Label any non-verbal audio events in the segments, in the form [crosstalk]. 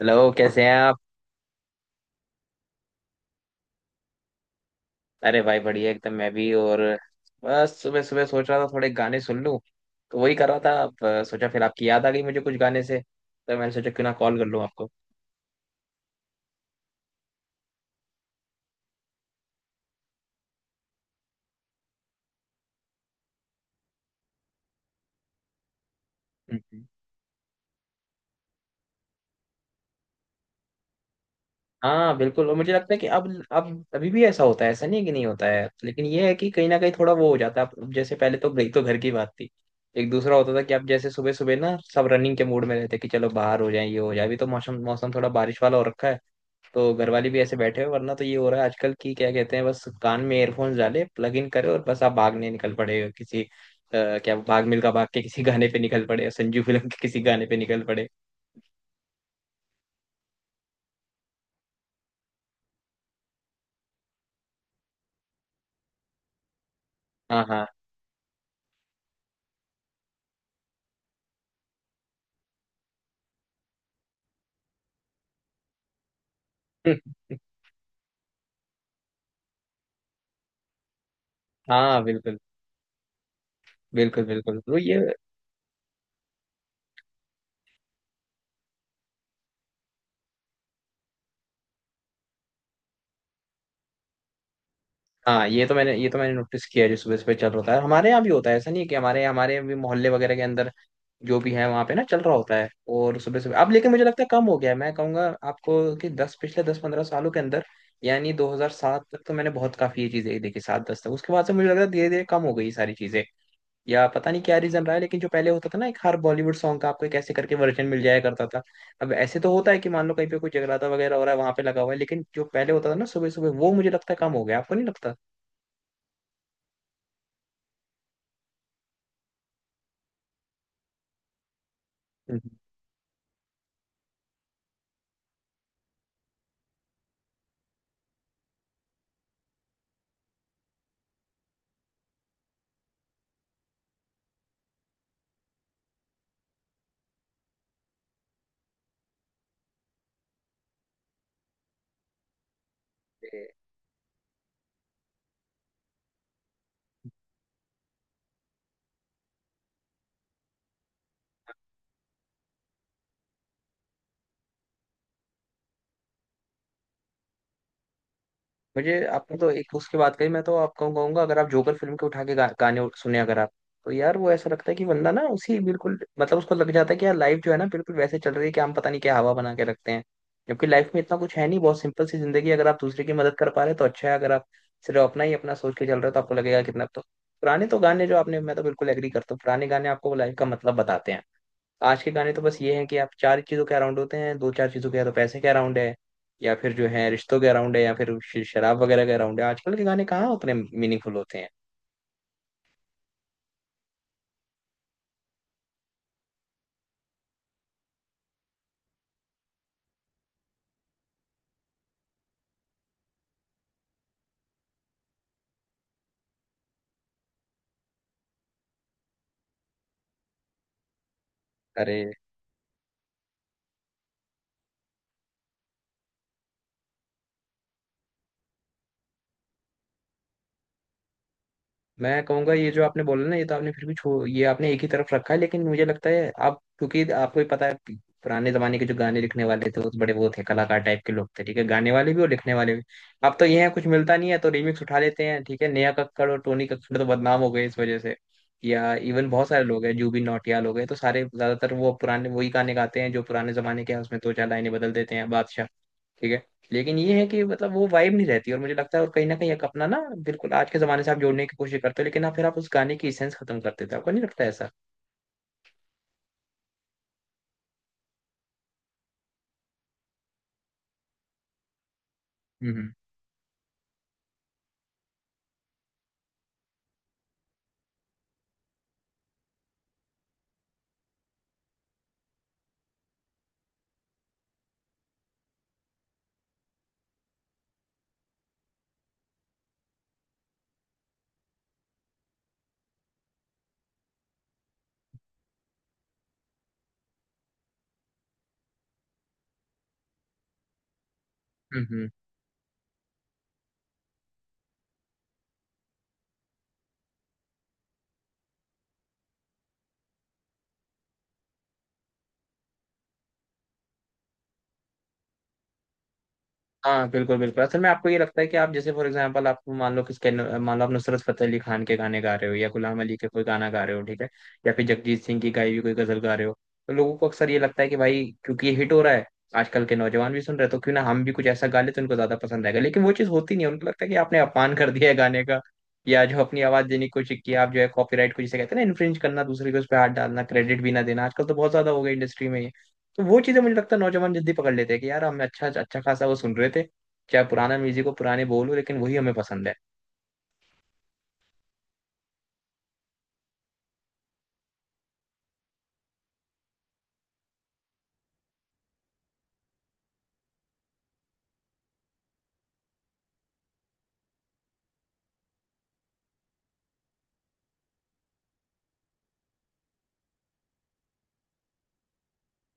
Hello, कैसे हैं आप? अरे भाई, बढ़िया एकदम। मैं भी और बस सुबह सुबह सोच रहा था थोड़े गाने सुन लूं, तो वही कर रहा था। सोचा फिर आपकी याद आ गई मुझे कुछ गाने से, तो मैंने सोचा क्यों ना कॉल कर लूं आपको। हम्म। हाँ, बिल्कुल। और मुझे लगता है कि अब अभी भी ऐसा होता है, ऐसा नहीं है कि नहीं होता है, लेकिन ये है कि कहीं ना कहीं थोड़ा वो हो जाता है। अब जैसे पहले तो एक तो घर की बात थी, एक दूसरा होता था कि आप जैसे सुबह सुबह ना सब रनिंग के मूड में रहते कि चलो बाहर हो जाए ये हो जाए। अभी तो मौसम मौसम थोड़ा बारिश वाला हो रखा है, तो घर वाले भी ऐसे बैठे हो। वरना तो ये हो रहा है आजकल की क्या कहते हैं, बस कान में एयरफोन्स डाले, प्लग इन करे, और बस आप भागने निकल पड़े हो किसी क्या भाग मिल्खा भाग के किसी गाने पे निकल पड़े, संजू फिल्म के किसी गाने पे निकल पड़े। हाँ, हाँ। [laughs] हाँ, बिल्कुल बिल्कुल। बिल्कुल, तो ये, हाँ, ये तो मैंने, ये तो मैंने नोटिस किया है। जो सुबह सुबह चल रहा था हमारे यहाँ भी होता है, ऐसा नहीं है कि हमारे हमारे भी मोहल्ले वगैरह के अंदर जो भी है वहां पे ना चल रहा होता है। और सुबह सुबह अब लेकिन मुझे लगता है कम हो गया है, मैं कहूंगा आपको, कि दस पिछले 10-15 सालों के अंदर। यानी 2007 तक तो मैंने बहुत काफी ये चीजें देखी, सात दस तक। उसके बाद से मुझे लग रहा है धीरे धीरे कम हो गई ये सारी चीजें, या पता नहीं क्या रीजन रहा है। लेकिन जो पहले होता था ना, एक हर बॉलीवुड सॉन्ग का आपको एक ऐसे करके वर्जन मिल जाया करता था। अब ऐसे तो होता है कि मान लो कहीं पे कोई जगराता वगैरह हो रहा है वहां पे लगा हुआ है, लेकिन जो पहले होता था ना सुबह सुबह, वो मुझे लगता है कम हो गया। आपको नहीं लगता? हम्म। मुझे आपने तो एक उसकी बात कही, मैं तो आपको कहूंगा अगर आप जोकर फिल्म के उठा के गाने सुने अगर आप, तो यार वो ऐसा लगता है कि बंदा ना उसी बिल्कुल, मतलब उसको लग जाता है कि यार लाइफ जो है ना बिल्कुल वैसे चल रही है, कि हम पता नहीं क्या हवा बना के रखते हैं। जबकि लाइफ में इतना कुछ है नहीं, बहुत सिंपल सी जिंदगी है। अगर आप दूसरे की मदद कर पा रहे हो तो अच्छा है, अगर आप सिर्फ अपना ही अपना सोच के चल रहे हो तो आपको लगेगा कितना तो। पुराने तो गाने जो आपने, मैं तो बिल्कुल एग्री करता हूँ, पुराने गाने आपको लाइफ का मतलब बताते हैं। आज के गाने तो बस ये है कि आप चार चीजों के अराउंड होते हैं, दो चार चीजों के, या तो पैसे के अराउंड है, या फिर जो है रिश्तों के अराउंड है, या फिर शराब वगैरह के अराउंड है। आजकल के गाने कहाँ उतने मीनिंगफुल होते हैं? अरे, मैं कहूंगा ये जो आपने बोला ना, ये तो आपने फिर भी छो, ये आपने एक ही तरफ रखा है, लेकिन मुझे लगता है, आप क्योंकि आपको ही पता है कि पुराने जमाने के जो गाने लिखने वाले थे वो तो बड़े वो थे, कलाकार टाइप के लोग थे ठीक है, गाने वाले भी और लिखने वाले भी। अब तो ये है कुछ मिलता नहीं है तो रीमिक्स उठा लेते हैं। ठीक है, नेहा कक्कड़ और टोनी कक्कड़ तो बदनाम हो गए इस वजह से, या इवन बहुत सारे लोग हैं, जूबिन नौटियाल हो गए, तो सारे ज्यादातर वो पुराने वही गाने गाते हैं जो पुराने जमाने के हैं, उसमें दो चार लाइनें बदल देते हैं, बादशाह, ठीक है। लेकिन ये है कि मतलब वो वाइब नहीं रहती, और मुझे लगता है, और कहीं ना कहीं एक अपना ना, बिल्कुल आज के जमाने से आप जोड़ने की कोशिश करते हो, लेकिन आप फिर आप उस गाने की इसेंस खत्म कर देते हो। आपको नहीं लगता ऐसा? हम्म, हम्म। हम्म। हाँ, बिल्कुल बिल्कुल। असल में आपको ये लगता है कि आप जैसे फॉर एग्जांपल आप मान लो किसके, मान लो आप नुसरत फतेह अली खान के गाने गा रहे हो, या गुलाम अली के कोई गाना गा रहे हो ठीक है, या फिर जगजीत सिंह की गाई हुई कोई गजल गा रहे हो, तो लोगों को अक्सर ये लगता है कि भाई क्योंकि ये हिट हो रहा है, आजकल के नौजवान भी सुन रहे हैं, तो क्यों ना हम भी कुछ ऐसा गा ले तो उनको ज्यादा पसंद आएगा। लेकिन वो चीज़ होती नहीं है, उनको लगता है कि आपने अपमान कर दिया है गाने का, या जो अपनी आवाज देने की कोशिश की आप, जो है कॉपीराइट को जिसे कहते हैं ना इन्फ्रिंज करना, दूसरे के उस पर हाथ डालना, क्रेडिट भी ना देना, आजकल तो बहुत ज्यादा हो गया इंडस्ट्री में ये। तो वो चीजें मुझे लगता है नौजवान जल्दी पकड़ लेते हैं कि यार हम अच्छा अच्छा खासा वो सुन रहे थे, चाहे पुराना म्यूजिक हो, पुराने बोल हो, लेकिन वही हमें पसंद है।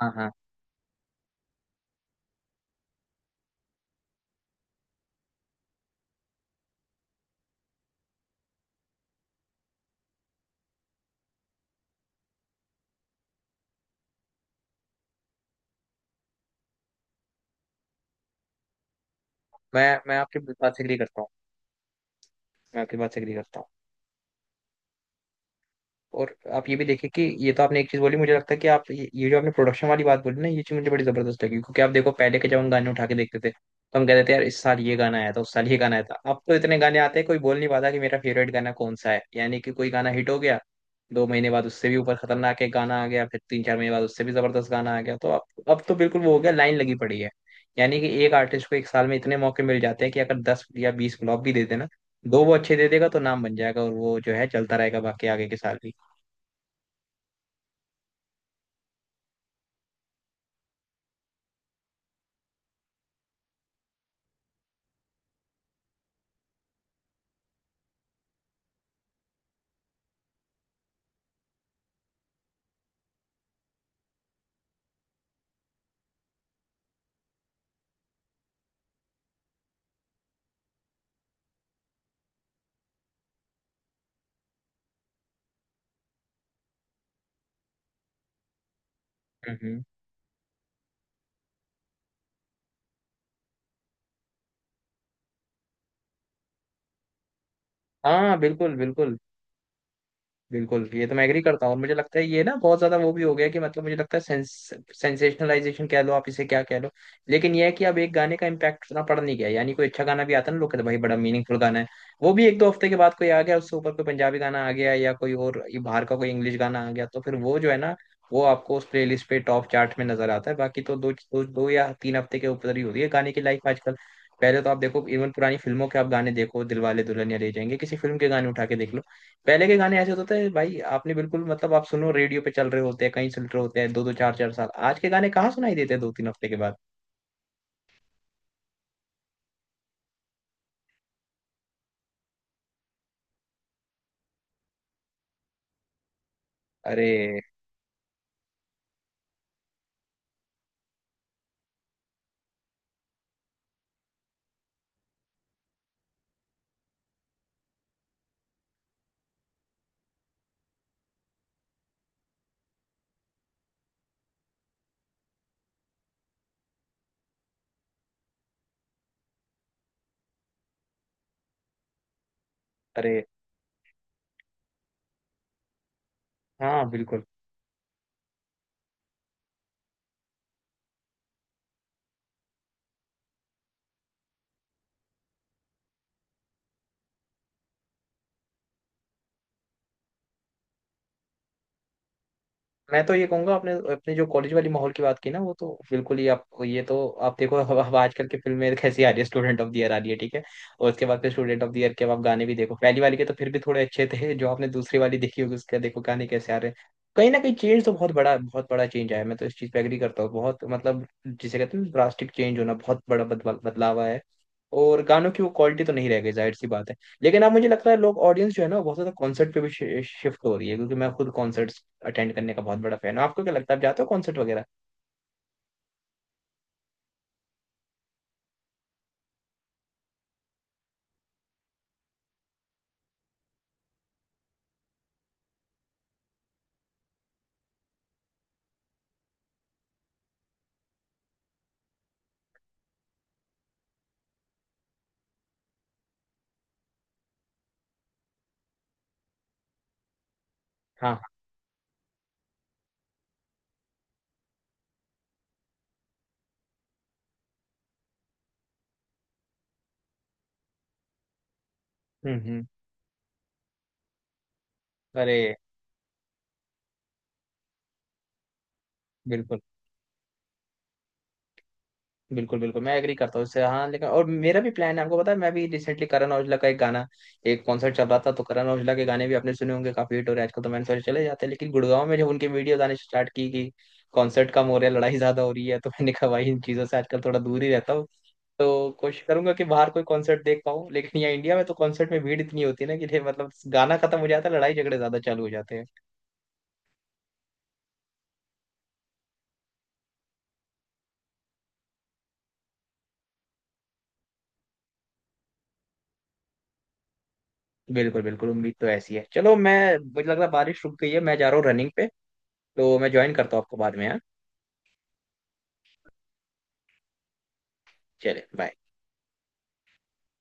हाँ, हाँ। मैं आपकी बात से एग्री करता हूँ। मैं आपकी बात से एग्री करता हूँ। और आप ये भी देखिए कि ये तो आपने एक चीज बोली, मुझे लगता है कि आप ये जो आपने प्रोडक्शन वाली बात बोली ना, ये चीज मुझे बड़ी जबरदस्त लगी, क्योंकि आप देखो पहले के, जब हम गाने उठा के देखते थे तो हम कहते थे यार इस साल ये गाना आया था, उस साल ये गाना आया था। अब तो इतने गाने आते हैं कोई बोल नहीं पाता कि मेरा फेवरेट गाना कौन सा है, यानी कि कोई गाना हिट हो गया, 2 महीने बाद उससे भी ऊपर खतरनाक एक गाना आ गया, फिर 3-4 महीने बाद उससे भी जबरदस्त गाना आ गया। तो अब तो बिल्कुल वो हो गया, लाइन लगी पड़ी है। यानी कि एक आर्टिस्ट को 1 साल में इतने मौके मिल जाते हैं कि अगर 10 या 20 फ्लॉप भी दे देना, दो वो अच्छे दे देगा तो नाम बन जाएगा, और वो जो है चलता रहेगा बाकी आगे के साल भी। हम्म। हाँ, बिल्कुल बिल्कुल। बिल्कुल, ये तो मैं एग्री करता हूँ। और मुझे लगता है ये ना बहुत ज्यादा वो भी हो गया कि मतलब मुझे लगता है सेंस, सेंसेशनलाइजेशन कह लो आप इसे, क्या कह लो, लेकिन ये है कि अब एक गाने का इम्पैक्ट उतना पड़ नहीं गया, यानी कोई अच्छा गाना भी आता है ना, लोग कहते हैं भाई बड़ा मीनिंगफुल गाना है, वो भी 1-2 हफ्ते के बाद कोई आ गया उससे ऊपर, कोई पंजाबी गाना आ गया, या कोई और ये बाहर का कोई इंग्लिश गाना आ गया, तो फिर वो जो है ना वो आपको उस प्लेलिस्ट पे टॉप चार्ट में नजर आता है। बाकी तो दो दो, 2 या 3 हफ्ते के ऊपर ही होती है गाने की लाइफ आजकल। पहले तो आप देखो इवन पुरानी फिल्मों के आप गाने देखो, दिलवाले दुल्हनिया ले जाएंगे, किसी फिल्म के गाने उठा के देख लो, पहले के गाने ऐसे होते थे भाई, आपने बिल्कुल मतलब आप सुनो रेडियो पे चल रहे होते हैं, कहीं सुन रहे होते हैं, दो दो चार चार साल। आज के गाने कहाँ सुनाई देते हैं 2-3 हफ्ते के बाद। अरे, अरे। हाँ, बिल्कुल। मैं तो ये कहूंगा, आपने अपने जो कॉलेज वाली माहौल की बात की ना, वो तो बिल्कुल ही, आप ये तो आप देखो अब आजकल के फिल्म में कैसी आ रही है, स्टूडेंट ऑफ द ईयर आ रही है ठीक है, और उसके बाद फिर स्टूडेंट ऑफ द ईयर के, अब आप गाने भी देखो पहली वाली के तो फिर भी थोड़े अच्छे थे, जो आपने दूसरी वाली देखी होगी उसके देखो गाने कैसे आ रहे हैं। कहीं ना कहीं चेंज तो बहुत बड़ा, बहुत बड़ा चेंज आया है। मैं तो इस चीज पे एग्री करता हूँ बहुत, मतलब जिसे कहते हैं ड्रास्टिक चेंज होना, बहुत बड़ा बदलाव, बदलाव आया है, और गानों की वो क्वालिटी तो नहीं रह गई जाहिर सी बात है। लेकिन अब मुझे लगता है लोग, ऑडियंस जो है ना वो बहुत ज्यादा कॉन्सर्ट पे भी शिफ्ट हो रही है, क्योंकि मैं खुद कॉन्सर्ट्स अटेंड करने का बहुत बड़ा फैन हूँ। आपको क्या लगता है, आप जाते हो कॉन्सर्ट वगैरह? हाँ। हम्म, हम्म। अरे, बिल्कुल बिल्कुल। बिल्कुल, मैं एग्री करता हूँ इससे, हाँ। लेकिन और मेरा भी प्लान है आपको पता है, मैं भी रिसेंटली करण औजला का एक गाना, एक कॉन्सर्ट चल रहा था, तो करण औजला के गाने भी आपने सुने होंगे, काफी हिट हो रहे हैं आजकल, तो मैंने सोचा चले जाते हैं। लेकिन गुड़गांव में जब उनके वीडियोज आने स्टार्ट की कि कॉन्सर्ट कम हो रहा है, लड़ाई ज्यादा हो रही है, तो मैंने कहा भाई इन चीजों से आजकल थोड़ा दूर ही रहता हूँ। तो कोशिश करूंगा कि बाहर कोई कॉन्सर्ट देख पाऊँ, लेकिन यहाँ इंडिया में तो कॉन्सर्ट में भीड़ इतनी होती है ना कि ये मतलब गाना खत्म हो जाता है, लड़ाई झगड़े ज्यादा चालू हो जाते हैं। बिल्कुल बिल्कुल, उम्मीद तो ऐसी है। चलो, मैं, मुझे लग रहा है बारिश रुक गई है, मैं जा रहा हूँ रनिंग पे, तो मैं ज्वाइन करता हूँ आपको बाद में यार। चले, बाय।